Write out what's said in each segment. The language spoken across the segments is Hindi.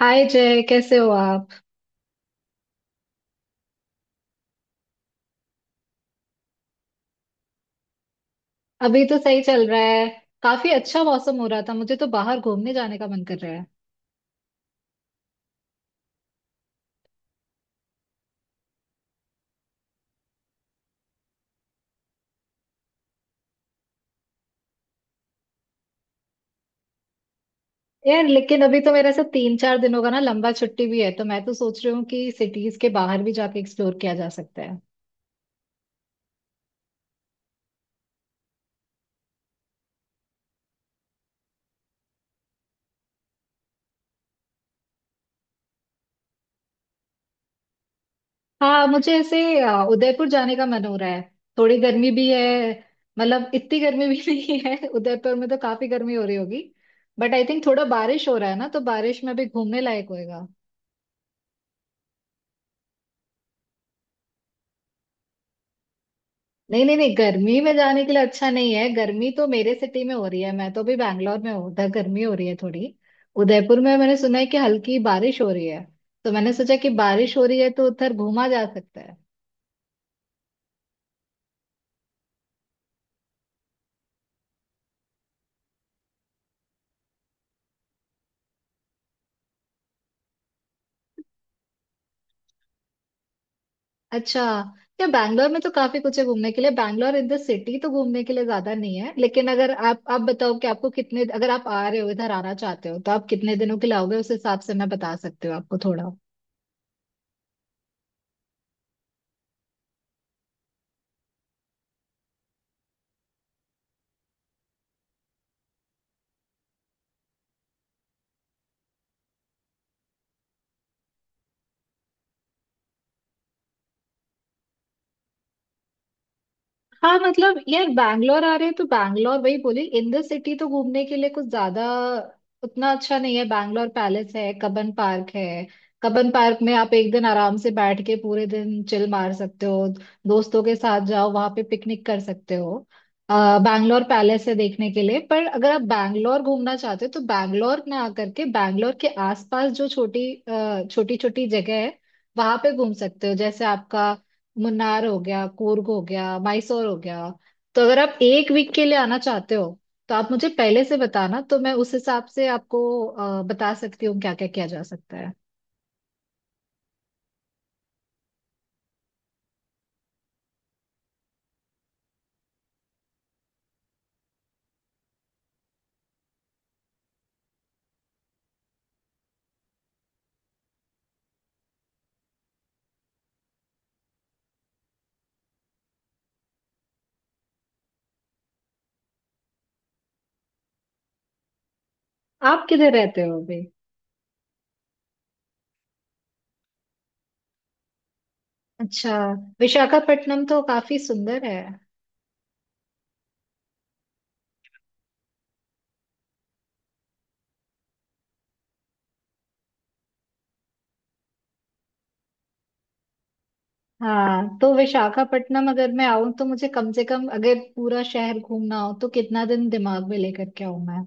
हाय जय, कैसे हो आप? अभी तो सही चल रहा है। काफी अच्छा मौसम हो रहा था, मुझे तो बाहर घूमने जाने का मन कर रहा है। यार, लेकिन अभी तो मेरा ऐसा 3-4 दिनों का ना लंबा छुट्टी भी है, तो मैं तो सोच रही हूँ कि सिटीज के बाहर भी जाके एक्सप्लोर किया जा सकता है। हाँ, मुझे ऐसे उदयपुर जाने का मन हो रहा है। थोड़ी गर्मी भी है। मतलब इतनी गर्मी भी नहीं है, उदयपुर में तो काफी गर्मी हो रही होगी। बट आई थिंक थोड़ा बारिश हो रहा है ना, तो बारिश में भी घूमने लायक होएगा। नहीं नहीं नहीं, गर्मी में जाने के लिए अच्छा नहीं है। गर्मी तो मेरे सिटी में हो रही है, मैं तो अभी बैंगलोर में हूँ, उधर गर्मी हो रही है थोड़ी। उदयपुर में मैंने सुना है कि हल्की बारिश हो रही है, तो मैंने सोचा कि बारिश हो रही है तो उधर घूमा जा सकता है। अच्छा। या बैंगलोर में तो काफी कुछ है घूमने के लिए। बैंगलोर इन द सिटी तो घूमने के लिए ज्यादा नहीं है, लेकिन अगर आप बताओ कि आपको कितने, अगर आप आ रहे हो, इधर आना चाहते हो तो आप कितने दिनों के लिए आओगे, उस हिसाब से मैं बता सकती हूँ आपको थोड़ा। हाँ मतलब यार, बैंगलोर आ रहे हैं तो बैंगलोर वही बोली, इन द सिटी तो घूमने के लिए कुछ ज्यादा उतना अच्छा नहीं है। बैंगलोर पैलेस है, कबन पार्क है। कबन पार्क में आप एक दिन आराम से बैठ के पूरे दिन चिल मार सकते हो, दोस्तों के साथ जाओ, वहां पे पिकनिक कर सकते हो। बैंगलोर पैलेस है देखने के लिए, पर अगर आप बैंगलोर घूमना चाहते हो तो बैंगलोर ना आकर के बैंगलोर के आसपास जो छोटी छोटी छोटी जगह है वहां पे घूम सकते हो। जैसे आपका मुन्नार हो गया, कूर्ग हो गया, मैसूर हो गया। तो अगर आप एक वीक के लिए आना चाहते हो तो आप मुझे पहले से बताना, तो मैं उस हिसाब से आपको बता सकती हूँ क्या क्या किया जा सकता है। आप किधर रहते हो अभी? अच्छा। विशाखापट्टनम तो काफी सुंदर है। हाँ तो विशाखापट्टनम अगर मैं आऊं तो मुझे कम से कम अगर पूरा शहर घूमना हो तो कितना दिन दिमाग में लेकर के आऊं मैं?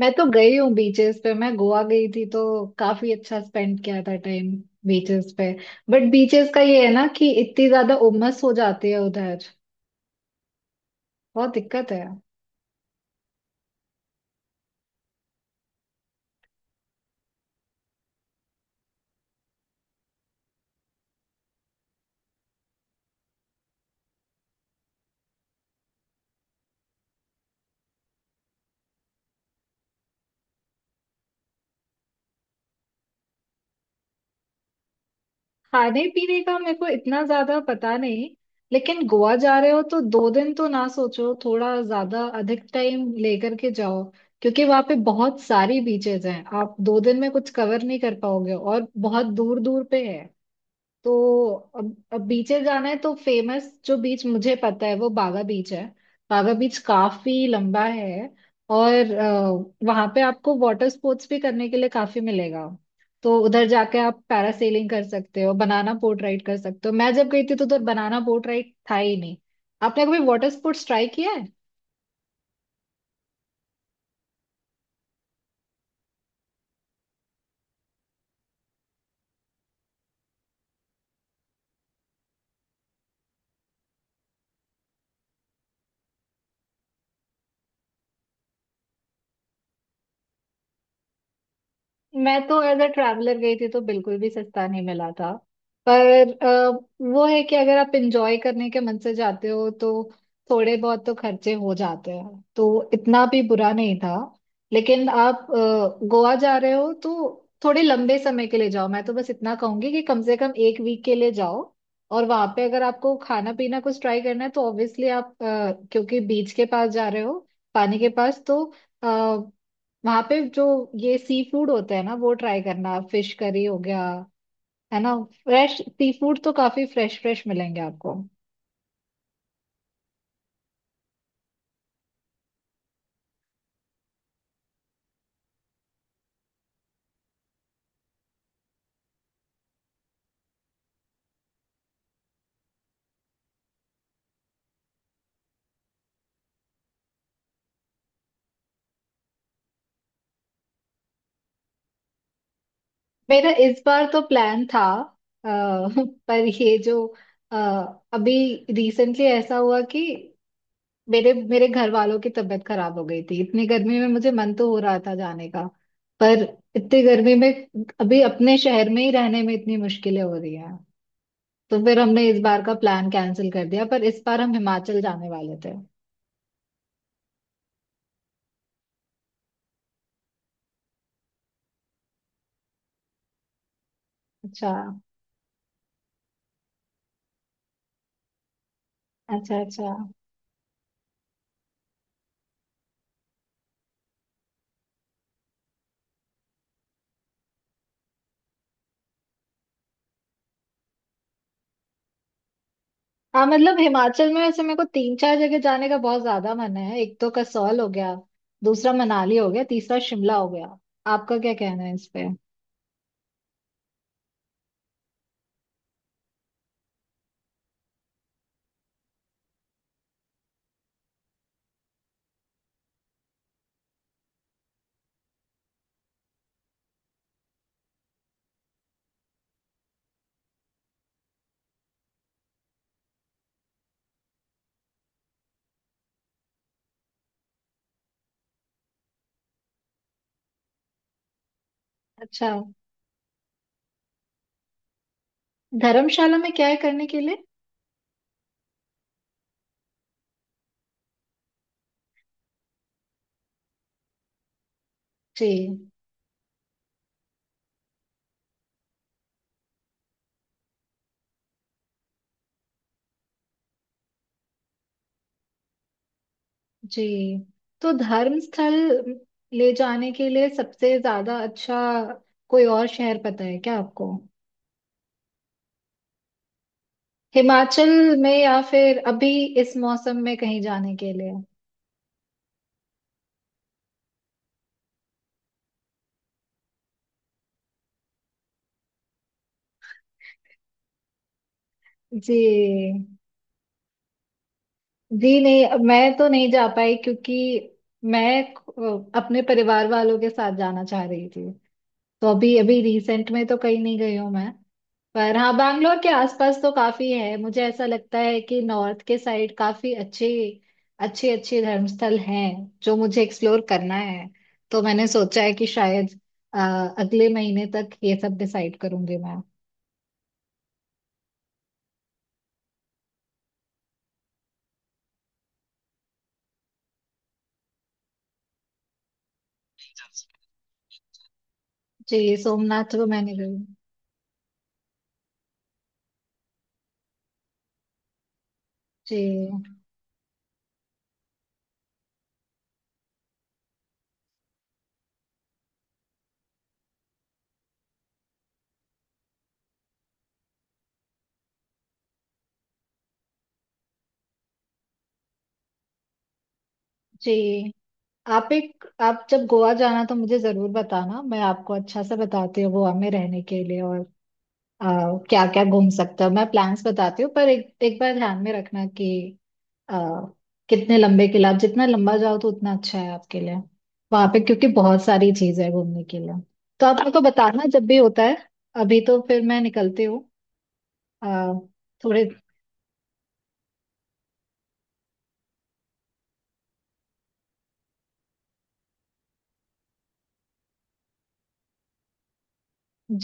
मैं तो गई हूँ बीचेस पे, मैं गोवा गई थी तो काफी अच्छा स्पेंड किया था टाइम बीचेस पे। बट बीचेस का ये है ना कि इतनी ज्यादा उमस हो जाती है उधर, बहुत दिक्कत है। खाने पीने का मेरे को इतना ज्यादा पता नहीं, लेकिन गोवा जा रहे हो तो 2 दिन तो ना सोचो, थोड़ा ज्यादा अधिक टाइम लेकर के जाओ, क्योंकि वहां पे बहुत सारी बीचेस हैं, आप 2 दिन में कुछ कवर नहीं कर पाओगे, और बहुत दूर दूर पे है। तो अब बीचेस जाना है तो फेमस जो बीच मुझे पता है वो बागा बीच है। बागा बीच काफी लंबा है, और वहां पे आपको वाटर स्पोर्ट्स भी करने के लिए काफी मिलेगा। तो उधर जाके आप पैरासेलिंग कर सकते हो, बनाना बोट राइड कर सकते हो। मैं जब गई थी तो उधर बनाना बोट राइड था ही नहीं। आपने कभी वाटर स्पोर्ट्स ट्राई किया है? मैं तो एज अ ट्रैवलर गई थी तो बिल्कुल भी सस्ता नहीं मिला था, पर वो है कि अगर आप इंजॉय करने के मन से जाते हो तो थोड़े बहुत तो खर्चे हो जाते हैं, तो इतना भी बुरा नहीं था। लेकिन आप गोवा जा रहे हो तो थोड़े लंबे समय के लिए जाओ। मैं तो बस इतना कहूंगी कि कम से कम एक वीक के लिए जाओ। और वहां पे अगर आपको खाना पीना कुछ ट्राई करना है तो ऑब्वियसली आप क्योंकि बीच के पास जा रहे हो, पानी के पास, तो वहां पे जो ये सी फूड होता है ना वो ट्राई करना, फिश करी हो गया, है ना, फ्रेश सी फूड तो काफी फ्रेश फ्रेश मिलेंगे आपको। मेरा इस बार तो प्लान था, अ, पर ये जो अ, अभी रिसेंटली ऐसा हुआ कि मेरे मेरे घर वालों की तबीयत खराब हो गई थी। इतनी गर्मी में मुझे मन तो हो रहा था जाने का, पर इतनी गर्मी में अभी अपने शहर में ही रहने में इतनी मुश्किलें हो रही हैं तो फिर हमने इस बार का प्लान कैंसिल कर दिया। पर इस बार हम हिमाचल जाने वाले थे। अच्छा, अच्छा, अच्छा। हाँ मतलब हिमाचल में वैसे मेरे को तीन चार जगह जाने का बहुत ज्यादा मन है। एक तो कसौल हो गया, दूसरा मनाली हो गया, तीसरा शिमला हो गया। आपका क्या कहना है इस पे? अच्छा। धर्मशाला में क्या है करने के लिए? जी। जी। तो धर्म स्थल ले जाने के लिए सबसे ज्यादा अच्छा कोई और शहर पता है क्या आपको? हिमाचल में, या फिर अभी इस मौसम में कहीं जाने के लिए। जी। जी नहीं, मैं तो नहीं जा पाई, क्योंकि मैं अपने परिवार वालों के साथ जाना चाह रही थी, तो अभी अभी रिसेंट में तो कहीं नहीं गई हूँ मैं। पर हाँ, बैंगलोर के आसपास तो काफी है, मुझे ऐसा लगता है कि नॉर्थ के साइड काफी अच्छे अच्छे अच्छे धर्मस्थल हैं जो मुझे एक्सप्लोर करना है। तो मैंने सोचा है कि शायद अ, अगले महीने तक ये सब डिसाइड करूंगी मैं। जी, सोमनाथ तो मैंने गई। जी। जी, आप जब गोवा जाना तो मुझे जरूर बताना, मैं आपको अच्छा से बताती हूँ गोवा में रहने के लिए और क्या क्या घूम सकते हो, मैं प्लान्स बताती हूँ। पर एक एक बार ध्यान में रखना कि आ, कितने लंबे किले, आप जितना लंबा जाओ तो उतना अच्छा है आपके लिए, वहां पे, क्योंकि बहुत सारी चीज है घूमने के लिए। तो आप मेरे को बताना जब भी होता है। अभी तो फिर मैं निकलती हूँ आ, थोड़े।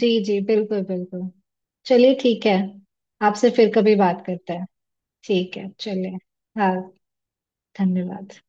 जी जी, बिल्कुल बिल्कुल। चलिए, ठीक है। आपसे फिर कभी बात करते हैं। ठीक है, चलिए। हाँ, धन्यवाद।